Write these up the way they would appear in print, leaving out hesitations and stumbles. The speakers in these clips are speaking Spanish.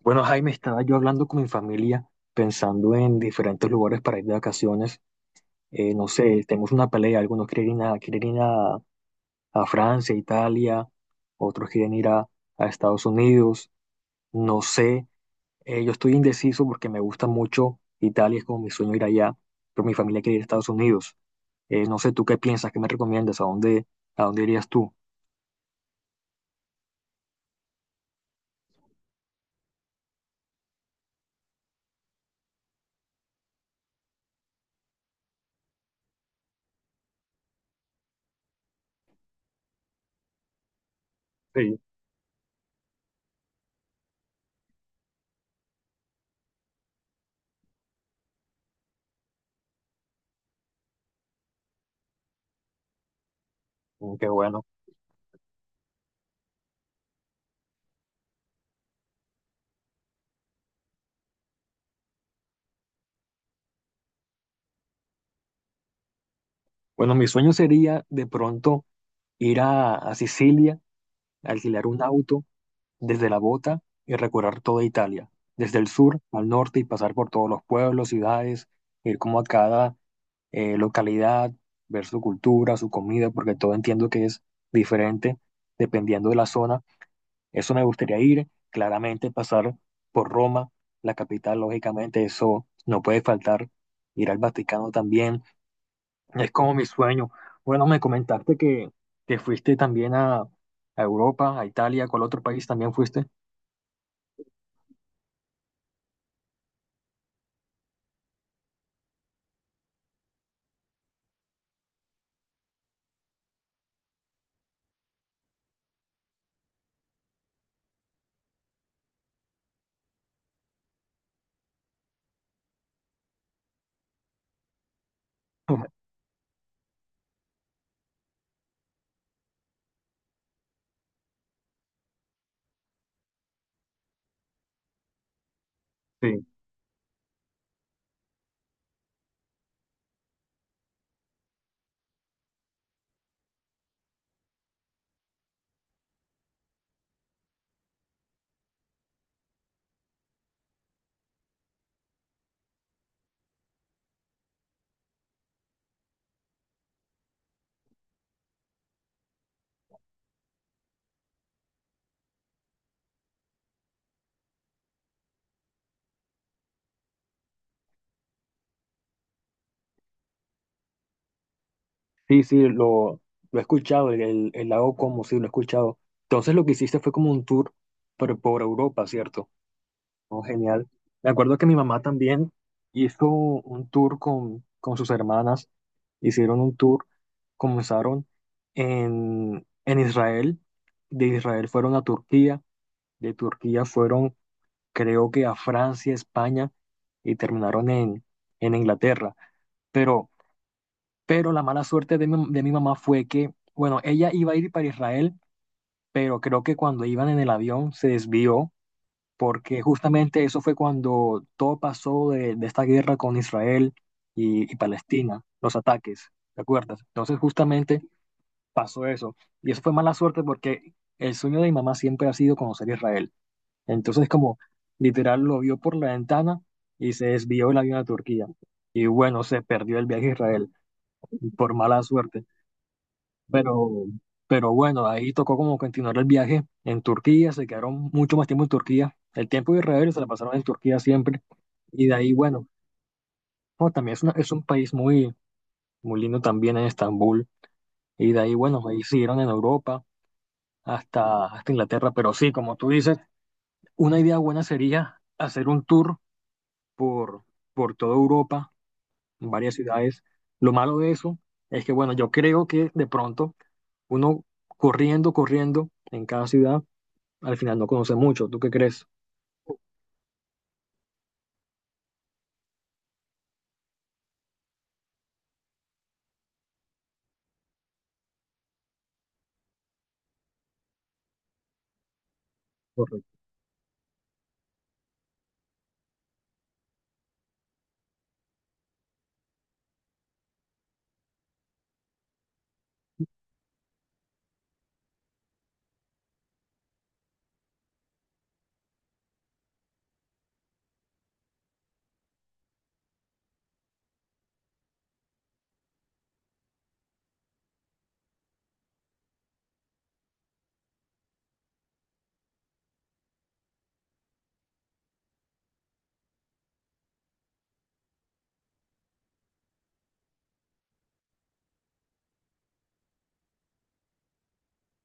Bueno, Jaime, estaba yo hablando con mi familia, pensando en diferentes lugares para ir de vacaciones. No sé, tenemos una pelea, algunos quieren ir a, a Francia, Italia, otros quieren ir a Estados Unidos. No sé, yo estoy indeciso porque me gusta mucho Italia, es como mi sueño ir allá, pero mi familia quiere ir a Estados Unidos. No sé, ¿tú qué piensas? ¿Qué me recomiendas? A dónde irías tú? Sí, mm, qué bueno. Bueno, mi sueño sería de pronto ir a Sicilia, alquilar un auto desde la bota y recorrer toda Italia, desde el sur al norte y pasar por todos los pueblos, ciudades, ir como a cada localidad, ver su cultura, su comida, porque todo entiendo que es diferente dependiendo de la zona. Eso me gustaría ir, claramente pasar por Roma, la capital, lógicamente, eso no puede faltar, ir al Vaticano también, es como mi sueño. Bueno, me comentaste que fuiste también a Europa, a Italia, ¿cuál otro país también fuiste? Sí. Sí, sí, lo he escuchado, el, el lago Como, sí, lo he escuchado. Entonces lo que hiciste fue como un tour pero por Europa, ¿cierto? Oh, genial. Me acuerdo que mi mamá también hizo un tour con sus hermanas, hicieron un tour, comenzaron en Israel, de Israel fueron a Turquía, de Turquía fueron creo que a Francia, España y terminaron en Inglaterra. Pero pero la mala suerte de mi mamá fue que, bueno, ella iba a ir para Israel, pero creo que cuando iban en el avión se desvió, porque justamente eso fue cuando todo pasó de esta guerra con Israel y Palestina, los ataques, ¿te acuerdas? Entonces justamente pasó eso. Y eso fue mala suerte porque el sueño de mi mamá siempre ha sido conocer Israel. Entonces como literal lo vio por la ventana y se desvió el avión a Turquía. Y bueno, se perdió el viaje a Israel por mala suerte. Pero, pero bueno, ahí tocó como continuar el viaje en Turquía, se quedaron mucho más tiempo en Turquía. El tiempo de Israel se la pasaron en Turquía siempre. Y de ahí, bueno, no, también es, una- es un país muy, muy lindo también en Estambul. Y de ahí, bueno, ahí siguieron en Europa hasta, hasta Inglaterra. Pero sí, como tú dices, una idea buena sería hacer un tour por, por toda Europa, en varias ciudades. Lo malo de eso es que, bueno, yo creo que de pronto uno corriendo, corriendo en cada ciudad al final no conoce mucho. ¿Tú qué crees? Correcto.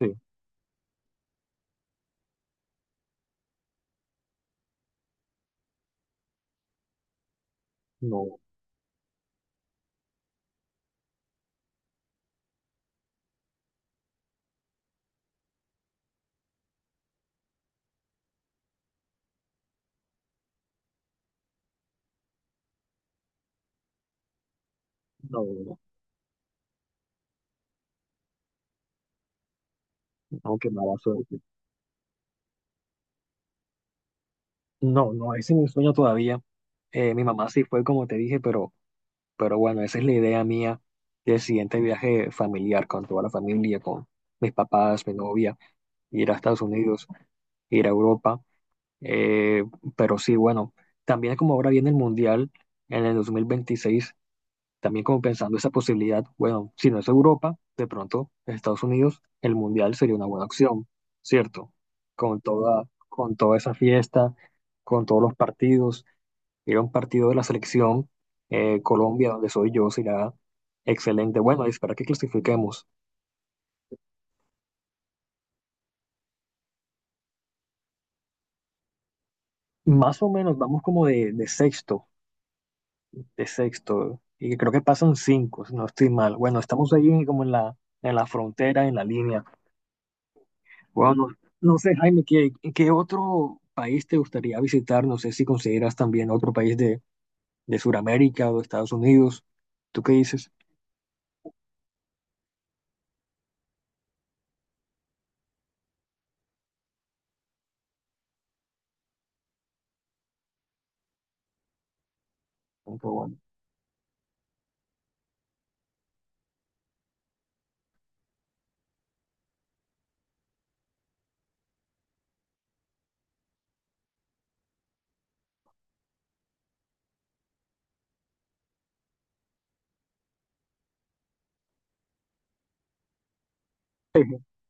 Sí, no, no, no, no, qué mala suerte. No, no, ese es mi sueño todavía. Mi mamá sí fue como te dije, pero bueno, esa es la idea mía del siguiente viaje familiar con toda la familia, con mis papás, mi novia, ir a Estados Unidos, ir a Europa. Eh, pero sí, bueno, también como ahora viene el Mundial en el 2026. También como pensando esa posibilidad, bueno, si no es Europa, de pronto Estados Unidos, el Mundial sería una buena opción, ¿cierto? Con toda esa fiesta, con todos los partidos, ir a un partido de la selección Colombia, donde soy yo, será excelente. Bueno, espera que clasifiquemos. Más o menos vamos como de sexto, y creo que pasan cinco, si no estoy mal. Bueno, estamos ahí como en la frontera, en la línea. Wow, no, no sé, Jaime, ¿qué, qué otro país te gustaría visitar? No sé si consideras también otro país de Sudamérica o de Estados Unidos. ¿Tú qué dices? Aunque bueno,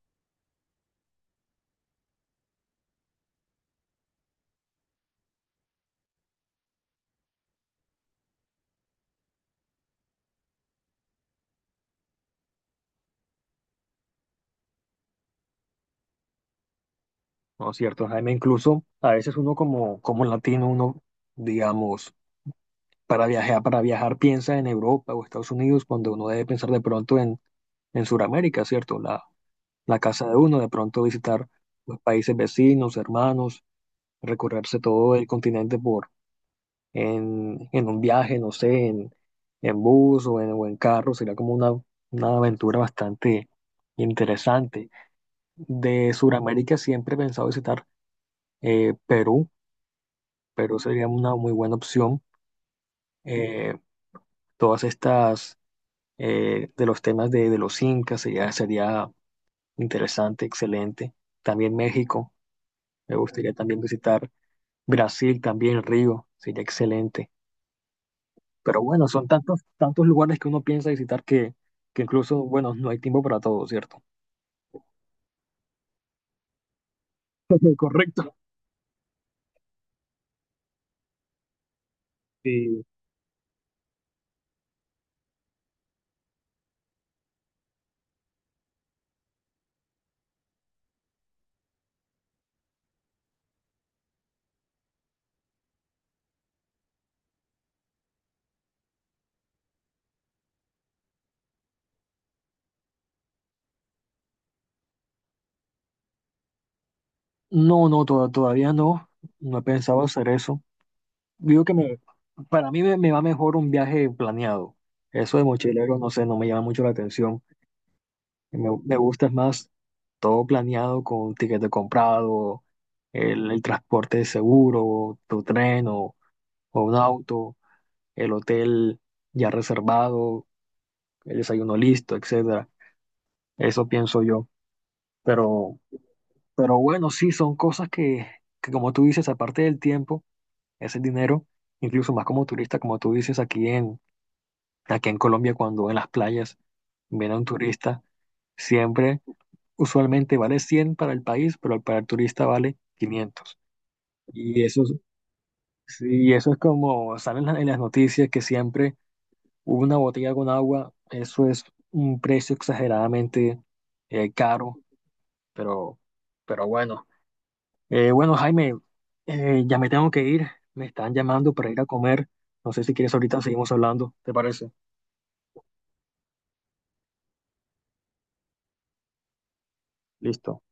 no es cierto, Jaime. Incluso a veces uno como, como latino, uno, digamos, para viajar piensa en Europa o Estados Unidos cuando uno debe pensar de pronto en Sudamérica, ¿cierto? La casa de uno, de pronto visitar los países vecinos, hermanos, recorrerse todo el continente en un viaje, no sé, en bus o en carro, sería como una aventura bastante interesante. De Sudamérica siempre he pensado visitar Perú, Perú sería una muy buena opción. Eh, todas estas, de los temas de los incas, sería, sería interesante, excelente. También México, me gustaría también visitar Brasil, también Río, sería excelente. Pero bueno, son tantos, tantos lugares que uno piensa visitar que incluso, bueno, no hay tiempo para todo, ¿cierto? Correcto. Eh, no, no, to- todavía no. No he pensado hacer eso. Digo que me, para mí me, me va mejor un viaje planeado. Eso de mochilero, no sé, no me llama mucho la atención. Me gusta es más todo planeado con tiquete comprado, el transporte seguro, tu tren o un auto, el hotel ya reservado, el desayuno listo, etc. Eso pienso yo. Pero, pero bueno, sí, son cosas que como tú dices, aparte del tiempo, ese dinero, incluso más como turista, como tú dices, aquí en, aquí en Colombia, cuando en las playas viene un turista, siempre, usualmente vale 100 para el país, pero para el turista vale quinientos. Y eso, es- sí, eso es como salen en la- en las noticias que siempre una botella con agua, eso es un precio exageradamente caro, pero, pero bueno. Bueno, Jaime, ya me tengo que ir. Me están llamando para ir a comer. No sé si quieres ahorita seguimos hablando. ¿Te parece? Listo.